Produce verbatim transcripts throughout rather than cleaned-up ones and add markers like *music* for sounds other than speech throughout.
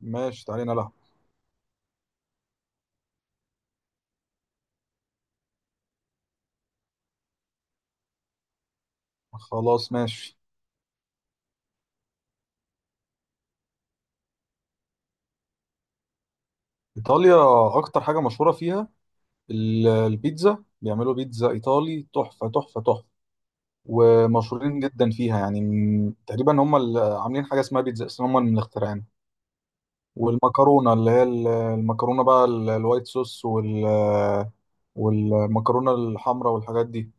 ماشي، تعالي نلعب. خلاص ماشي. إيطاليا أكتر حاجة مشهورة فيها ال- البيتزا. بيعملوا بيتزا إيطالي تحفة تحفة تحفة، ومشهورين جدا فيها. يعني م- تقريبا هم اللي عاملين حاجة اسمها بيتزا أصلا، هم اللي مخترعينها. والمكرونة اللي هي ال- المكرونة بقى، ال- الوايت صوص وال والمكرونة الحمراء والحاجات دي.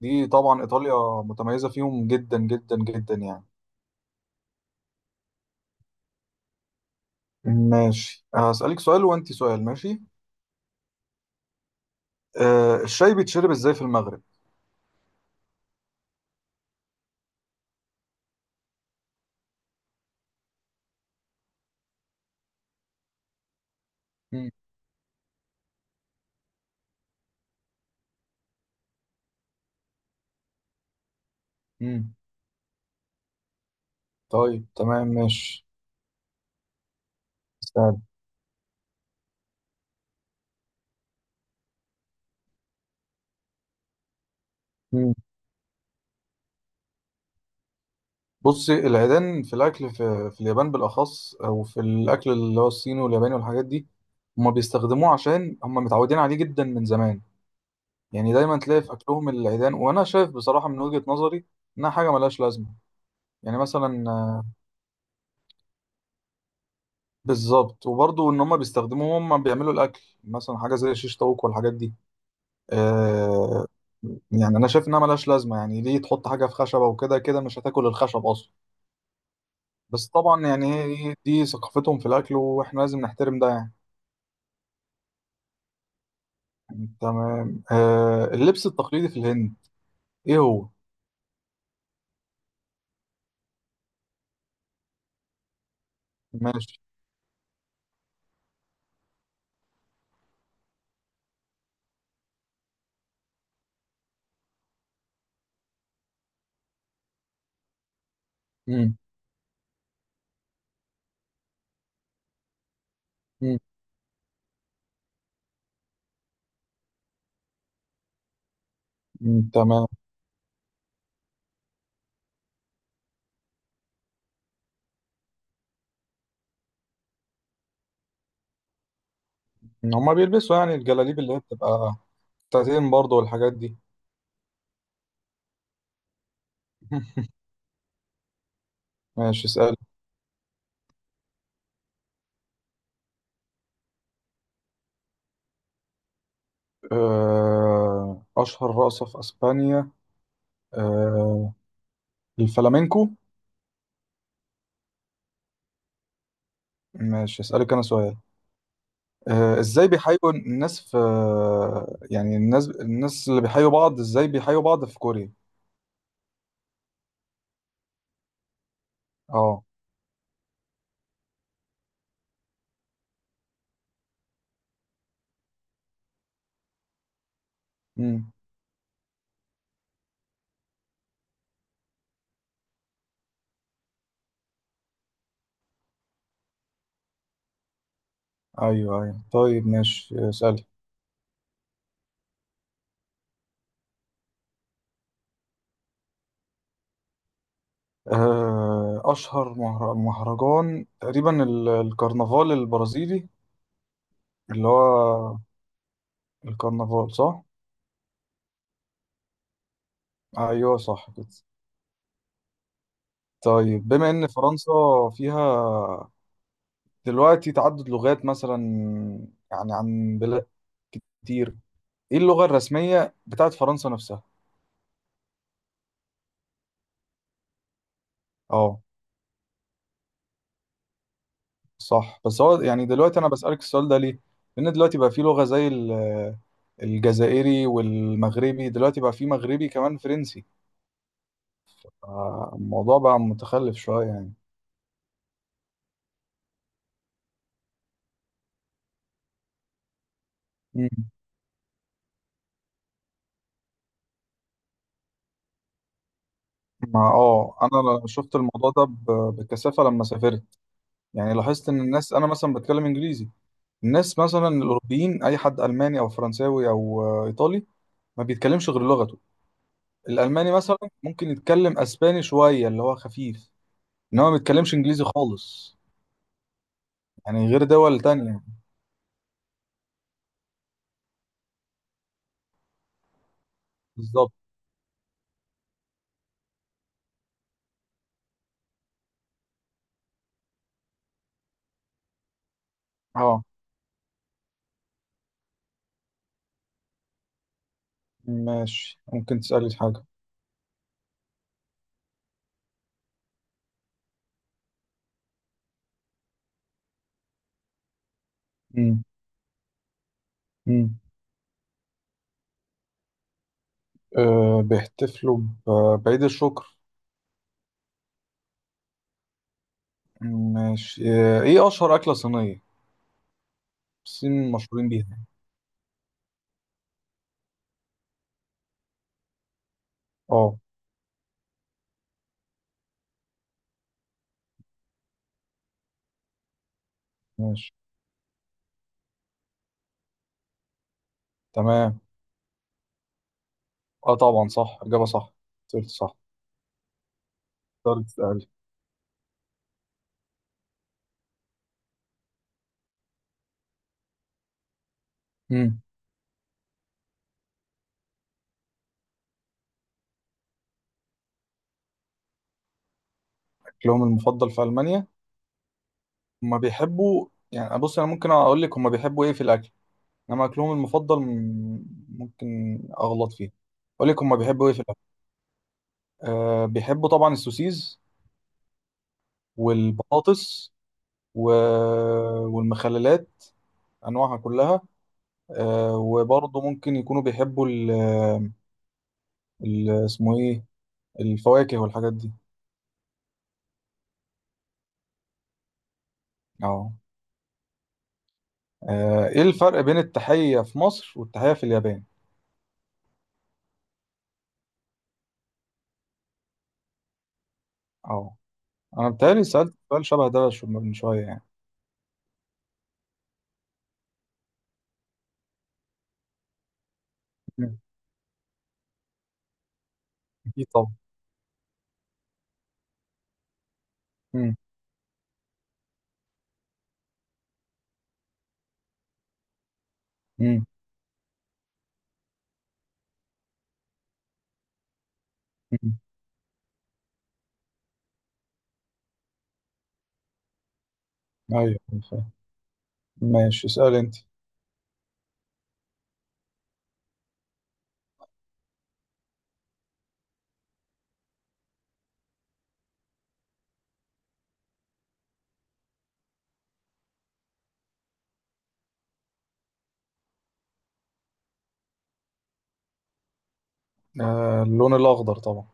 دي طبعا إيطاليا متميزة فيهم جدا جدا جدا يعني. ماشي، هسألك سؤال وأنت سؤال، ماشي. آه، الشاي بيتشرب إزاي في المغرب؟ مم. طيب تمام ماشي. استاذ. مم. بصي، العيدان في الاكل في, في اليابان بالاخص، او في الاكل اللي هو الصيني والياباني والحاجات دي، هما بيستخدموه عشان هما متعودين عليه جدا من زمان. يعني دايما تلاقي في اكلهم العيدان، وانا شايف بصراحه من وجهه نظري انها حاجه ملهاش لازمه. يعني مثلا آه، بالظبط. وبرضه ان هما بيستخدموه، هما بيعملوا الاكل مثلا حاجه زي الشيش طاووق والحاجات دي. آه. يعني انا شايف انها ملهاش لازمه. يعني ليه تحط حاجه في خشبه، وكده كده مش هتاكل الخشب اصلا. بس طبعا يعني هي إيه، دي ثقافتهم في الاكل واحنا لازم نحترم ده يعني. تمام. آه اللبس التقليدي في الهند ايه هو؟ ماشي. مم. مم. مم. تمام. هما بيلبسوا يعني الجلاليب اللي هي بتبقى بتاعتين برضه والحاجات دي. *laughs* ماشي، اسال. آه اشهر رقصة في اسبانيا؟ آه الفلامينكو. ماشي، اسالك انا سؤال. آه ازاي بيحيوا الناس في، يعني الناس الناس اللي بيحيوا بعض، ازاي بيحيوا بعض في كوريا؟ اه. مم. ايوه ايوه طيب، ماشي اسألي. آه، اشهر مهر- مهرجان تقريبا ال- الكرنفال البرازيلي، اللي هو الكرنفال، صح. ايوه صح كده. طيب بما ان فرنسا فيها دلوقتي تعدد لغات مثلا، يعني عن بلاد كتير، ايه اللغة الرسمية بتاعت فرنسا نفسها؟ اه، صح. بس هو يعني دلوقتي انا بسألك السؤال ده ليه؟ لان دلوقتي بقى في لغة زي ال- الجزائري والمغربي، دلوقتي بقى في مغربي كمان فرنسي. الموضوع بقى متخلف شوية يعني. مم. مع اه انا شفت الموضوع ده ب- بكثافة لما سافرت. يعني لاحظت ان الناس، انا مثلا بتكلم انجليزي، الناس مثلا الاوروبيين اي حد الماني او فرنساوي او آه، ايطالي، ما بيتكلمش غير لغته. الالماني مثلا ممكن يتكلم اسباني شوية اللي هو خفيف، انما ما بيتكلمش انجليزي خالص، يعني غير دول تانية. بالظبط. اه ماشي، ممكن تسألي في حاجة. مم. مم. أه، بيحتفلوا ب- بعيد الشكر. ماشي. آه، ايه أشهر أكلة صينية الصين مشهورين بيها؟ اه. ماشي تمام. اه طبعا، صح، إجابة صح، سألت صح. تقدر تسألي. مم. أكلهم المفضل في ألمانيا، هما بيحبوا، يعني بص أنا ممكن أقول لك هما بيحبوا إيه في الأكل. إنما أكلهم المفضل م- ممكن أغلط فيه. أقول لك هما بيحبوا إيه في الأكل. أه، بيحبوا طبعا السوسيز والبطاطس و... والمخللات انواعها كلها. آه، وبرضه ممكن يكونوا بيحبوا ال... ال... اسمه ايه، الفواكه والحاجات دي. اه. آه، ايه الفرق بين التحية في مصر والتحية في اليابان؟ اه، انا بتهيألي سألت سؤال شبه ده شو- من شوية يعني. مم. اكيد طبعا. مم. مم. مم. ايوه، فاهم. ماشي اسأل انت. آه، اللون الاخضر طبعا.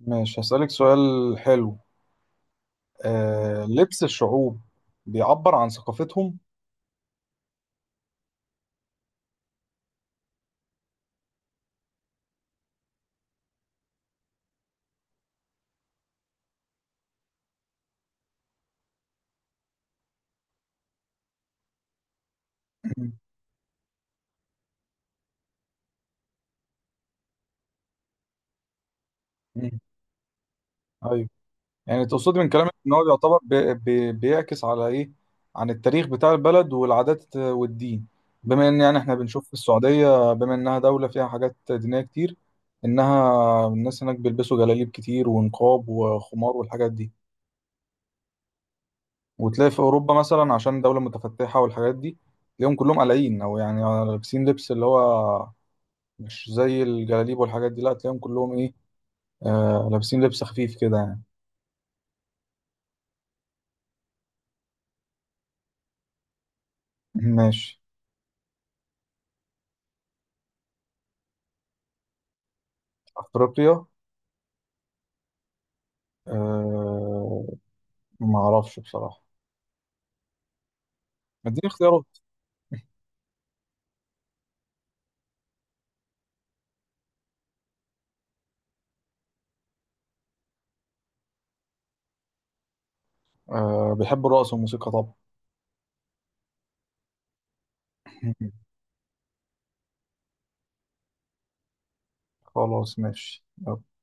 ماشي، هسألك سؤال حلو. آه، لبس الشعوب بيعبر عن ثقافتهم. مم. مم. ايوه، يعني تقصدي من كلامك ان هو يعتبر بي بي بيعكس على ايه، عن التاريخ بتاع البلد والعادات والدين، بما ان يعني احنا بنشوف في السعودية بما انها دولة فيها حاجات دينية كتير. انها الناس هناك بيلبسوا جلاليب كتير ونقاب وخمار والحاجات دي. وتلاقي في اوروبا مثلا عشان دولة متفتحة والحاجات دي، تلاقيهم كلهم قلعين، او يعني لابسين لبس اللي هو مش زي الجلاليب والحاجات دي، لا تلاقيهم كلهم ايه، آه لابسين لبس خفيف كده يعني. ماشي. افريقيا. أه، ما اعرفش بصراحة. اديني اختيارات. أه، بيحب الرقص والموسيقى طبعا. *laughs* خلاص ماشي.